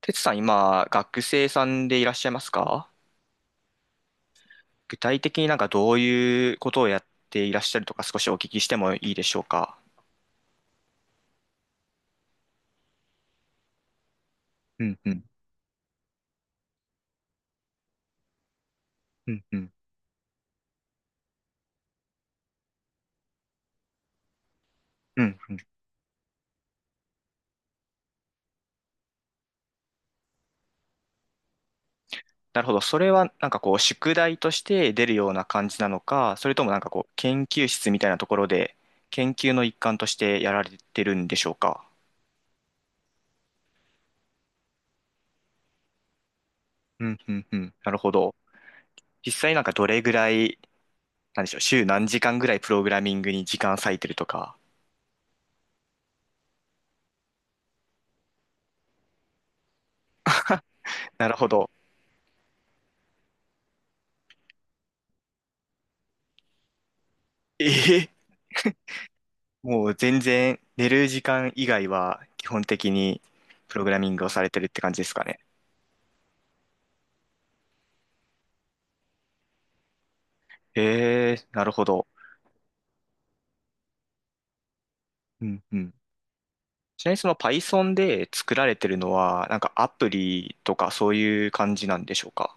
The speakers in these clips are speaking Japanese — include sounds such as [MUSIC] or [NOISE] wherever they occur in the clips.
てつさん、今、学生さんでいらっしゃいますか？具体的になんかどういうことをやっていらっしゃるとか少しお聞きしてもいいでしょうか？うんうん、うん、うん、うん、うん。なるほど。それはなんかこう、宿題として出るような感じなのか、それともなんかこう、研究室みたいなところで、研究の一環としてやられてるんでしょうか？うん、うん、うん。なるほど。実際なんかどれぐらい、なんでしょう、週何時間ぐらいプログラミングに時間割いてるとか。[LAUGHS] なるほど。ええ、もう全然寝る時間以外は基本的にプログラミングをされてるって感じですかね。ええ、なるほど。うんうん。ちなみにその Python で作られてるのは、なんかアプリとかそういう感じなんでしょうか？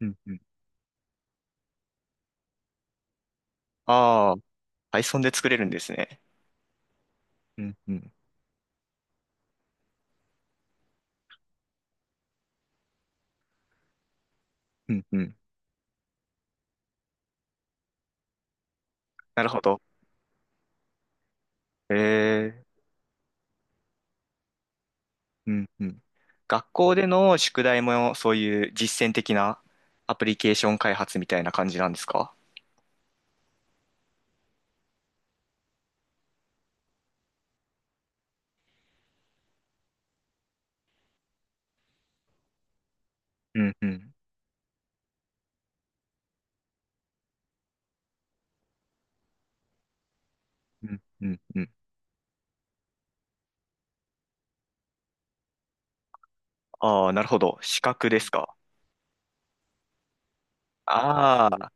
うんうん。ああ、Python で作れるんですね。うんうん。うんうん。なるほど。ええ、うんうん。学校での宿題もそういう実践的なアプリケーション開発みたいな感じなんですか？うんうん。うんうんうん。ああ、なるほど。資格ですか。ああ、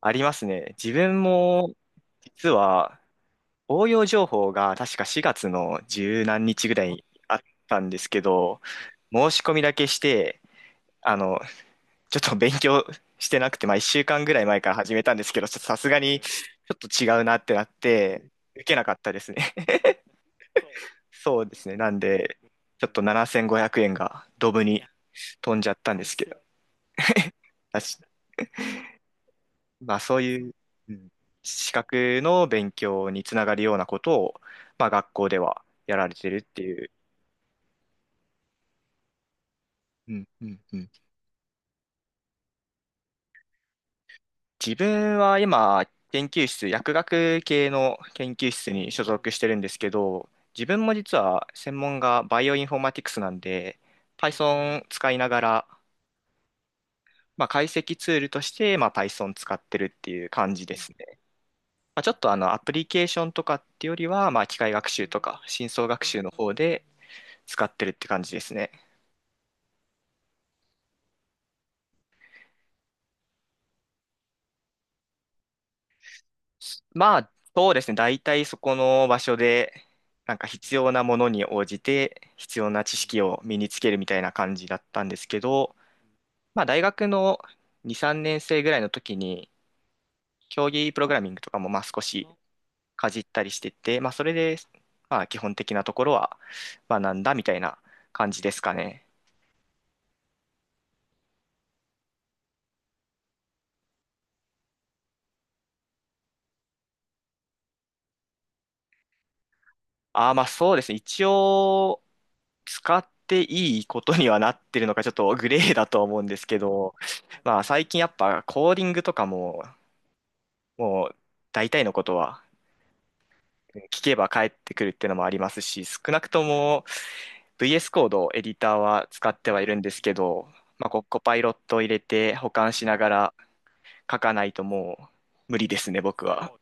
ありますね。自分も、実は、応用情報が確か4月の十何日ぐらいにあったんですけど、申し込みだけして、あの、ちょっと勉強してなくて、まあ1週間ぐらい前から始めたんですけど、ちょっとさすがにちょっと違うなってなって、受けなかったですね。[LAUGHS] そうですね。なんで、ちょっと7500円がドブに飛んじゃったんですけど、まあそういう、うん、資格の勉強につながるようなことを、まあ学校ではやられてるっていう。うんうんうん。自分は今、研究室、薬学系の研究室に所属してるんですけど、自分も実は専門がバイオインフォーマティクスなんで、Python 使いながら、まあ、解析ツールとして、まあ、Python 使ってるっていう感じですね。まあ、ちょっとあのアプリケーションとかっていうよりは、まあ、機械学習とか深層学習の方で、使ってるって感じですね。まあ、そうですね。大体そこの場所で、なんか必要なものに応じて、必要な知識を身につけるみたいな感じだったんですけど、まあ、大学の2、3年生ぐらいの時に、競技プログラミングとかもまあ少しかじったりしてて、まあ、それで、まあ、基本的なところは学んだみたいな感じですかね。ああ、まあそうですね。一応、使っていいことにはなってるのか、ちょっとグレーだと思うんですけど、[LAUGHS] まあ最近やっぱコーディングとかも、もう大体のことは聞けば返ってくるっていうのもありますし、少なくとも VS コードエディターは使ってはいるんですけど、まあココパイロットを入れて保管しながら書かないともう無理ですね、僕は。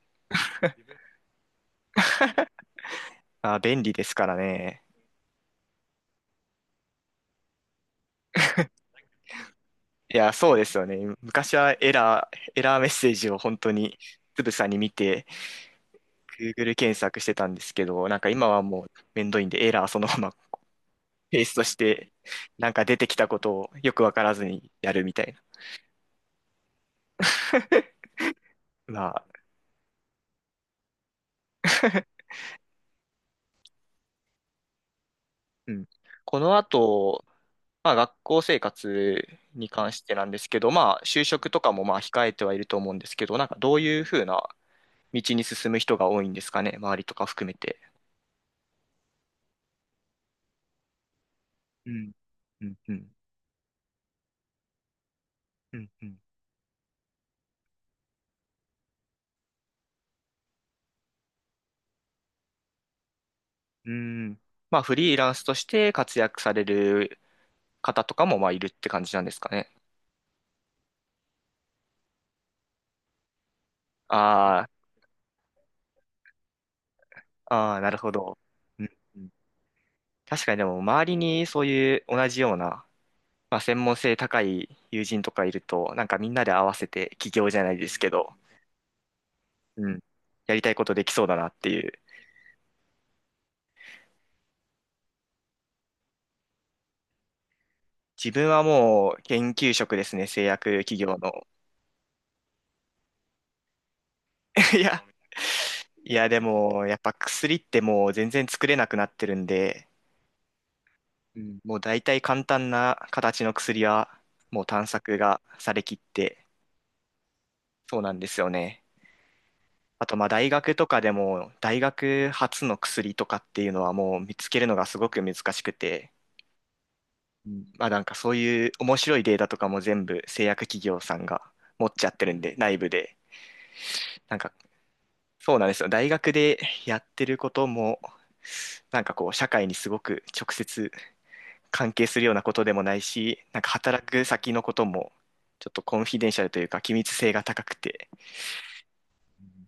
あー、便利ですからね。いや、そうですよね。昔はエラーメッセージを本当につぶさに見て、Google 検索してたんですけど、なんか今はもうめんどいんで、エラーそのまま [LAUGHS] ペーストして、なんか出てきたことをよくわからずにやるみたいな。まあ、[LAUGHS] うん。この後、まあ学校生活に関してなんですけど、まあ就職とかもまあ控えてはいると思うんですけど、なんかどういうふうな道に進む人が多いんですかね、周りとか含めて。うん。うん、うん、うん、うん。うん。まあ、フリーランスとして活躍される方とかも、まあ、いるって感じなんですかね。ああ、ああ、なるほど。うんうん。確かにでも、周りにそういう同じような、まあ、専門性高い友人とかいると、なんかみんなで合わせて起業じゃないですけど、うん、やりたいことできそうだなっていう。自分はもう研究職ですね、製薬企業の。[LAUGHS] いや、いやでも、やっぱ薬ってもう全然作れなくなってるんで、うん、もう大体簡単な形の薬はもう探索がされきって、そうなんですよね。あとまあ大学とかでも大学発の薬とかっていうのはもう見つけるのがすごく難しくて、うん、まあなんかそういう面白いデータとかも全部製薬企業さんが持っちゃってるんで、内部で。なんかそうなんですよ。大学でやってることもなんかこう社会にすごく直接関係するようなことでもないし、なんか働く先のこともちょっとコンフィデンシャルというか機密性が高くて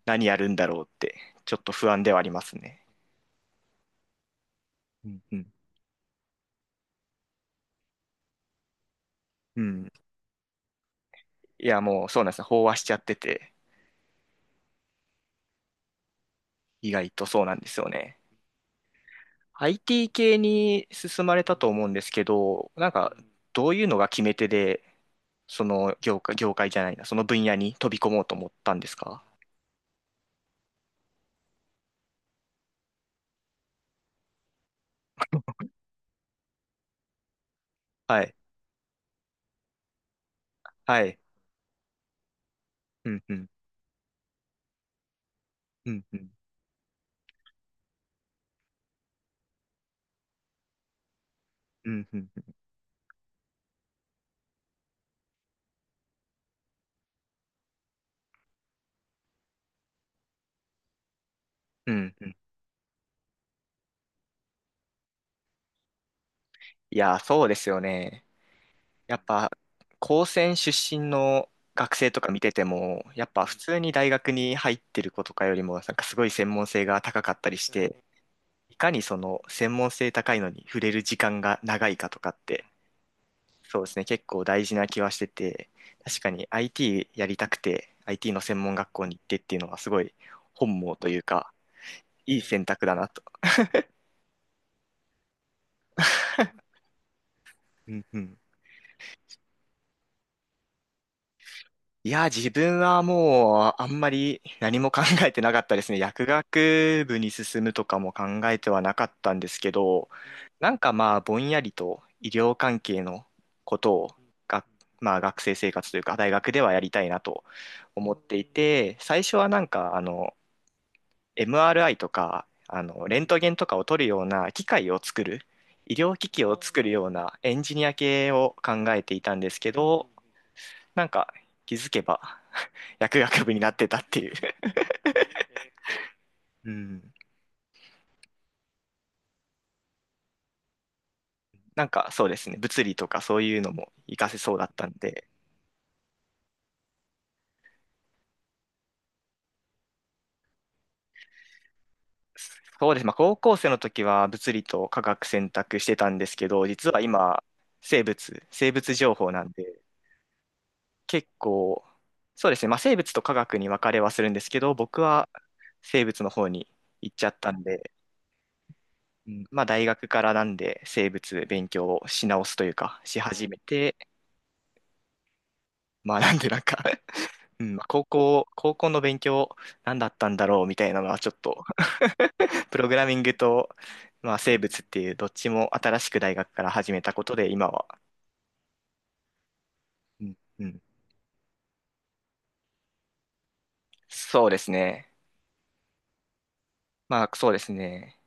何やるんだろうってちょっと不安ではありますね。うんうん。うん。いやもうそうなんですね。飽和しちゃってて意外とそうなんですよね。IT 系に進まれたと思うんですけど、なんかどういうのが決め手でその業界、業界じゃないな、その分野に飛び込もうと思ったんですか？はい。はい。うんうん。うんうん。うんうん。うんうん。いや、そうですよね。やっぱ、高専出身の学生とか見てても、やっぱ普通に大学に入ってる子とかよりも、なんかすごい専門性が高かったりして、いかにその専門性高いのに触れる時間が長いかとかって、そうですね、結構大事な気はしてて、確かに IT やりたくて、IT の専門学校に行ってっていうのはすごい本望というか、いい選択だなと。うんうん。いや、自分はもうあんまり何も考えてなかったですね。[LAUGHS] 薬学部に進むとかも考えてはなかったんですけど、なんかまあぼんやりと医療関係のことをが、まあ、学生生活というか大学ではやりたいなと思っていて、最初はなんかあの MRI とかあのレントゲンとかを取るような機械を作る、医療機器を作るようなエンジニア系を考えていたんですけど、なんか気づけば薬学部になってたっていう。[LAUGHS] うん。なんかそうですね、物理とかそういうのも活かせそうだったんで、そうです、まあ、高校生の時は物理と化学選択してたんですけど、実は今、生物、生物情報なんで、結構、そうですね、まあ、生物と化学に分かれはするんですけど、僕は生物の方に行っちゃったんで、うん、まあ、大学からなんで生物勉強をし直すというか、し始めて、まあなんでなんか、うん、まあ高校の勉強何だったんだろうみたいなのはちょっと、[LAUGHS] プログラミングと、まあ、生物っていうどっちも新しく大学から始めたことで今は、うん、うん、そうですね。まあそうですね。